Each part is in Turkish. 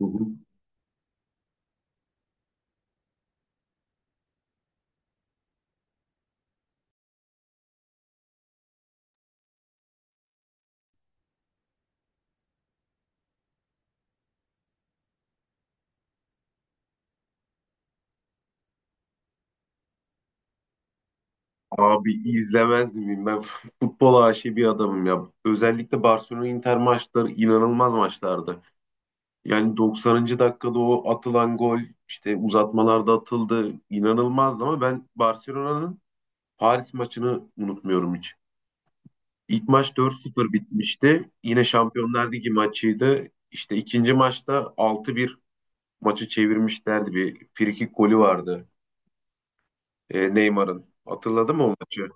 Hı hı. Abi izlemez miyim? Ben futbol aşığı bir adamım ya. Özellikle Barcelona Inter maçları inanılmaz maçlardı. Yani 90. dakikada o atılan gol işte uzatmalarda atıldı. İnanılmazdı ama ben Barcelona'nın Paris maçını unutmuyorum hiç. İlk maç 4-0 bitmişti. Yine Şampiyonlar Ligi maçıydı. İşte ikinci maçta 6-1 maçı çevirmişlerdi. Bir frikik golü vardı Neymar'ın. Hatırladın mı o maçı?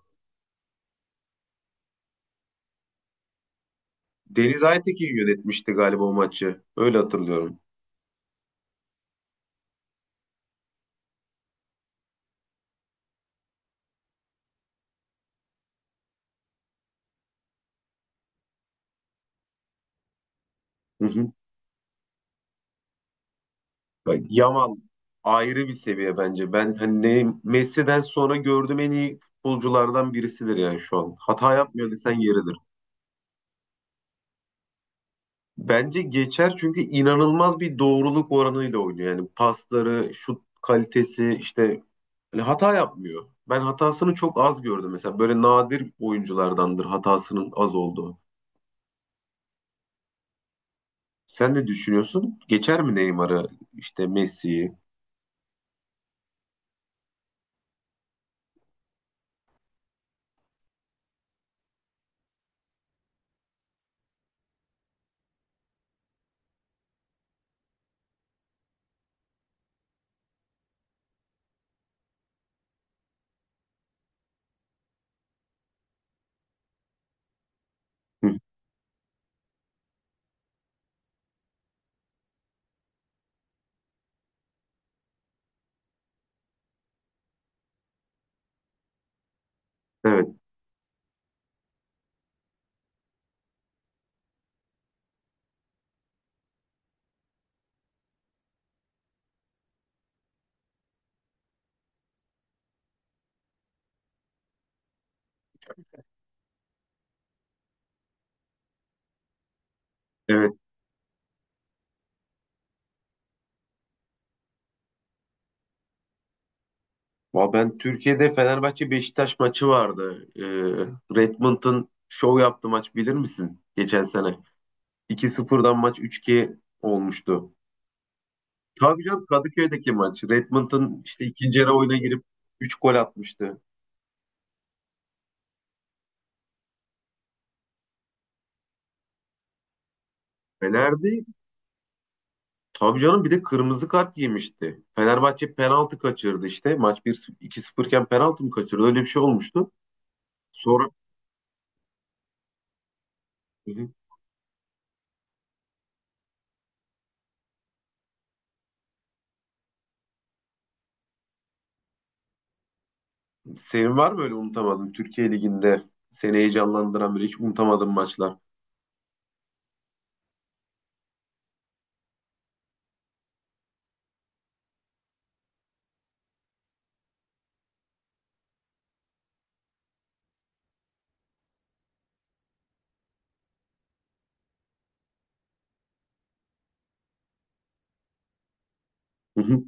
Deniz Aytekin yönetmişti galiba o maçı. Öyle hatırlıyorum. Hı hı. Bak, Yamal ayrı bir seviye bence. Ben hani Messi'den sonra gördüğüm en iyi futbolculardan birisidir yani şu an. Hata yapmıyor desen yeridir. Bence geçer çünkü inanılmaz bir doğruluk oranıyla oynuyor. Yani pasları, şut kalitesi işte hani hata yapmıyor. Ben hatasını çok az gördüm mesela. Böyle nadir oyunculardandır hatasının az olduğu. Sen ne düşünüyorsun? Geçer mi Neymar'ı, işte Messi'yi? Hı, evet. Evet. Ben Türkiye'de Fenerbahçe Beşiktaş maçı vardı. Redmond'un şov yaptığı maç bilir misin? Geçen sene. İki 0'dan maç üç 2 olmuştu. Tabii canım, Kadıköy'deki maç. Redmond'un işte ikinci yarı oyuna girip 3 gol atmıştı. Fener'di. Tabii canım, bir de kırmızı kart yemişti. Fenerbahçe penaltı kaçırdı işte. Maç bir 0 2-0 iken penaltı mı kaçırdı? Öyle bir şey olmuştu. Sonra. Hı hı. Senin var mı öyle unutamadığın Türkiye Ligi'nde seni heyecanlandıran böyle hiç unutamadığın maçlar? Hı hı.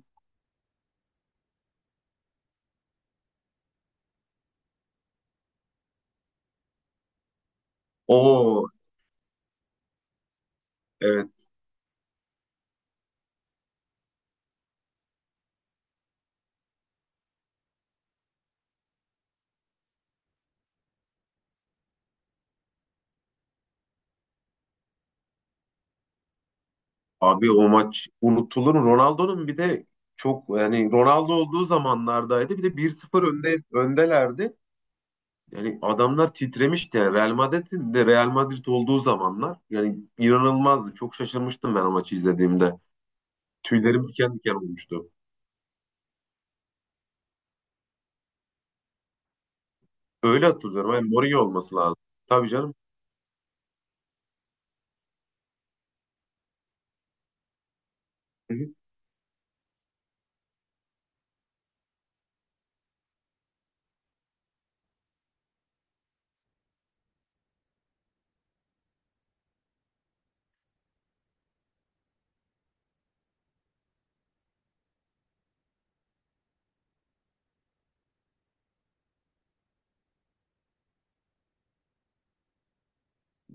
O, evet abi, o maç unutulur mu? Ronaldo'nun bir de çok yani Ronaldo olduğu zamanlardaydı. Bir de 1-0 önde öndelerdi. Yani adamlar titremişti. Yani Real Madrid'in de Real Madrid olduğu zamanlar yani inanılmazdı. Çok şaşırmıştım ben o maçı izlediğimde. Tüylerim diken diken olmuştu. Öyle hatırlıyorum. Yani Mourinho olması lazım. Tabii canım.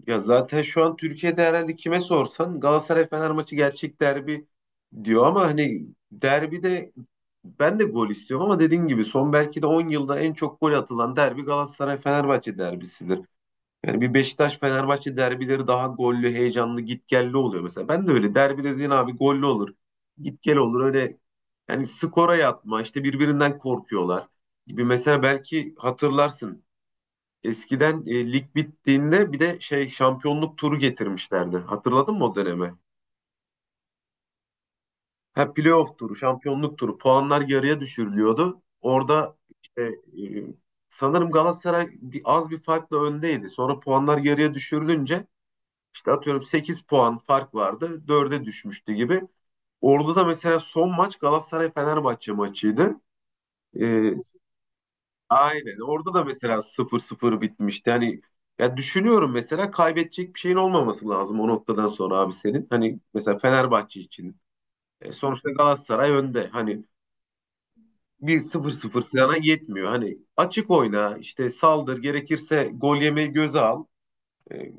Ya zaten şu an Türkiye'de herhalde kime sorsan Galatasaray Fener maçı gerçek derbi diyor ama hani derbide ben de gol istiyorum ama dediğin gibi son belki de 10 yılda en çok gol atılan derbi Galatasaray Fenerbahçe derbisidir. Yani bir Beşiktaş Fenerbahçe derbileri daha gollü, heyecanlı, gitgelli oluyor mesela. Ben de öyle derbi dediğin abi gollü olur, gitgel olur öyle, yani skora yatma işte birbirinden korkuyorlar gibi mesela. Belki hatırlarsın, eskiden lig bittiğinde bir de şey şampiyonluk turu getirmişlerdi. Hatırladın mı o dönemi? Ha, playoff turu, şampiyonluk turu. Puanlar yarıya düşürülüyordu. Orada işte e, sanırım Galatasaray az bir farkla öndeydi. Sonra puanlar yarıya düşürülünce işte atıyorum 8 puan fark vardı. Dörde düşmüştü gibi. Orada da mesela son maç Galatasaray-Fenerbahçe maçıydı. E, Aynen. Orada da mesela 0-0 bitmişti. Hani ya düşünüyorum mesela, kaybedecek bir şeyin olmaması lazım o noktadan sonra abi senin. Hani mesela Fenerbahçe için. Sonuçta Galatasaray önde. Hani bir 0-0 sana yetmiyor. Hani açık oyna, işte saldır, gerekirse gol yemeyi göze al. E,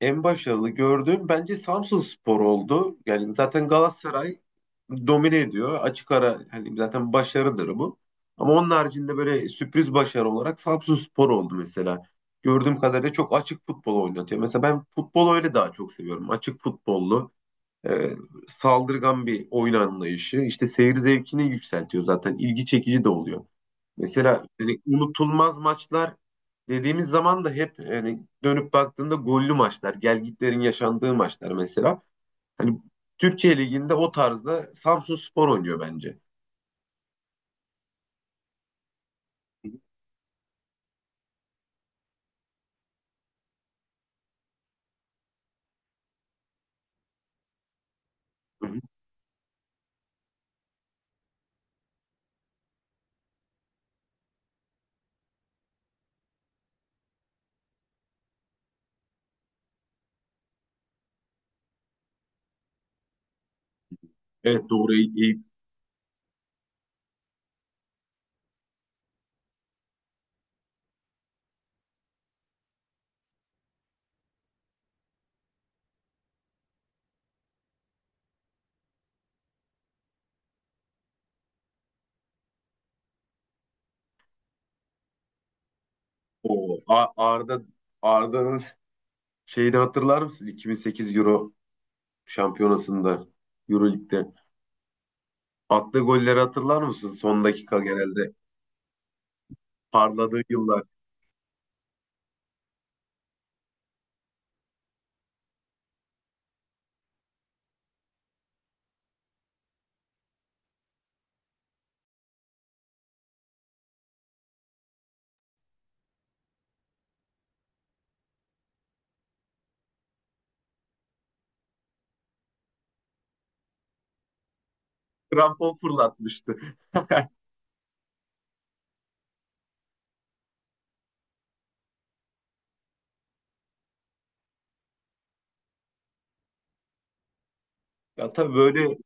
en başarılı gördüğüm bence Samsunspor oldu. Yani zaten Galatasaray domine ediyor. Açık ara, hani zaten başarıdır bu. Ama onun haricinde böyle sürpriz başarı olarak Samsunspor oldu mesela. Gördüğüm kadarıyla çok açık futbol oynatıyor. Mesela ben futbolu öyle daha çok seviyorum. Açık futbollu, e, saldırgan bir oyun anlayışı. İşte seyir zevkini yükseltiyor zaten. İlgi çekici de oluyor. Mesela hani unutulmaz maçlar dediğimiz zaman da hep hani dönüp baktığında gollü maçlar, gelgitlerin yaşandığı maçlar mesela. Hani Türkiye Ligi'nde o tarzda Samsunspor oynuyor bence. Hı hı. Evet doğru. O Arda'nın şeyini hatırlar mısın? 2008 Euro şampiyonasında Euro Lig'de attığı golleri hatırlar mısın? Son dakika genelde parladığı yıllar. Krampon fırlatmıştı. Ya tabii böyle,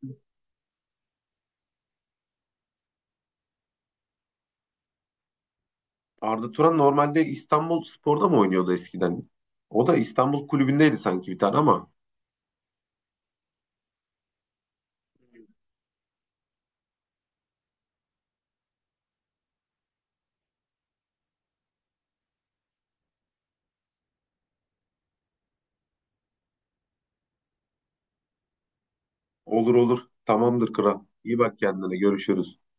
Arda Turan normalde İstanbul Spor'da mı oynuyordu eskiden? O da İstanbul kulübündeydi sanki bir tane ama. Olur olur. Tamamdır kral. İyi bak kendine. Görüşürüz.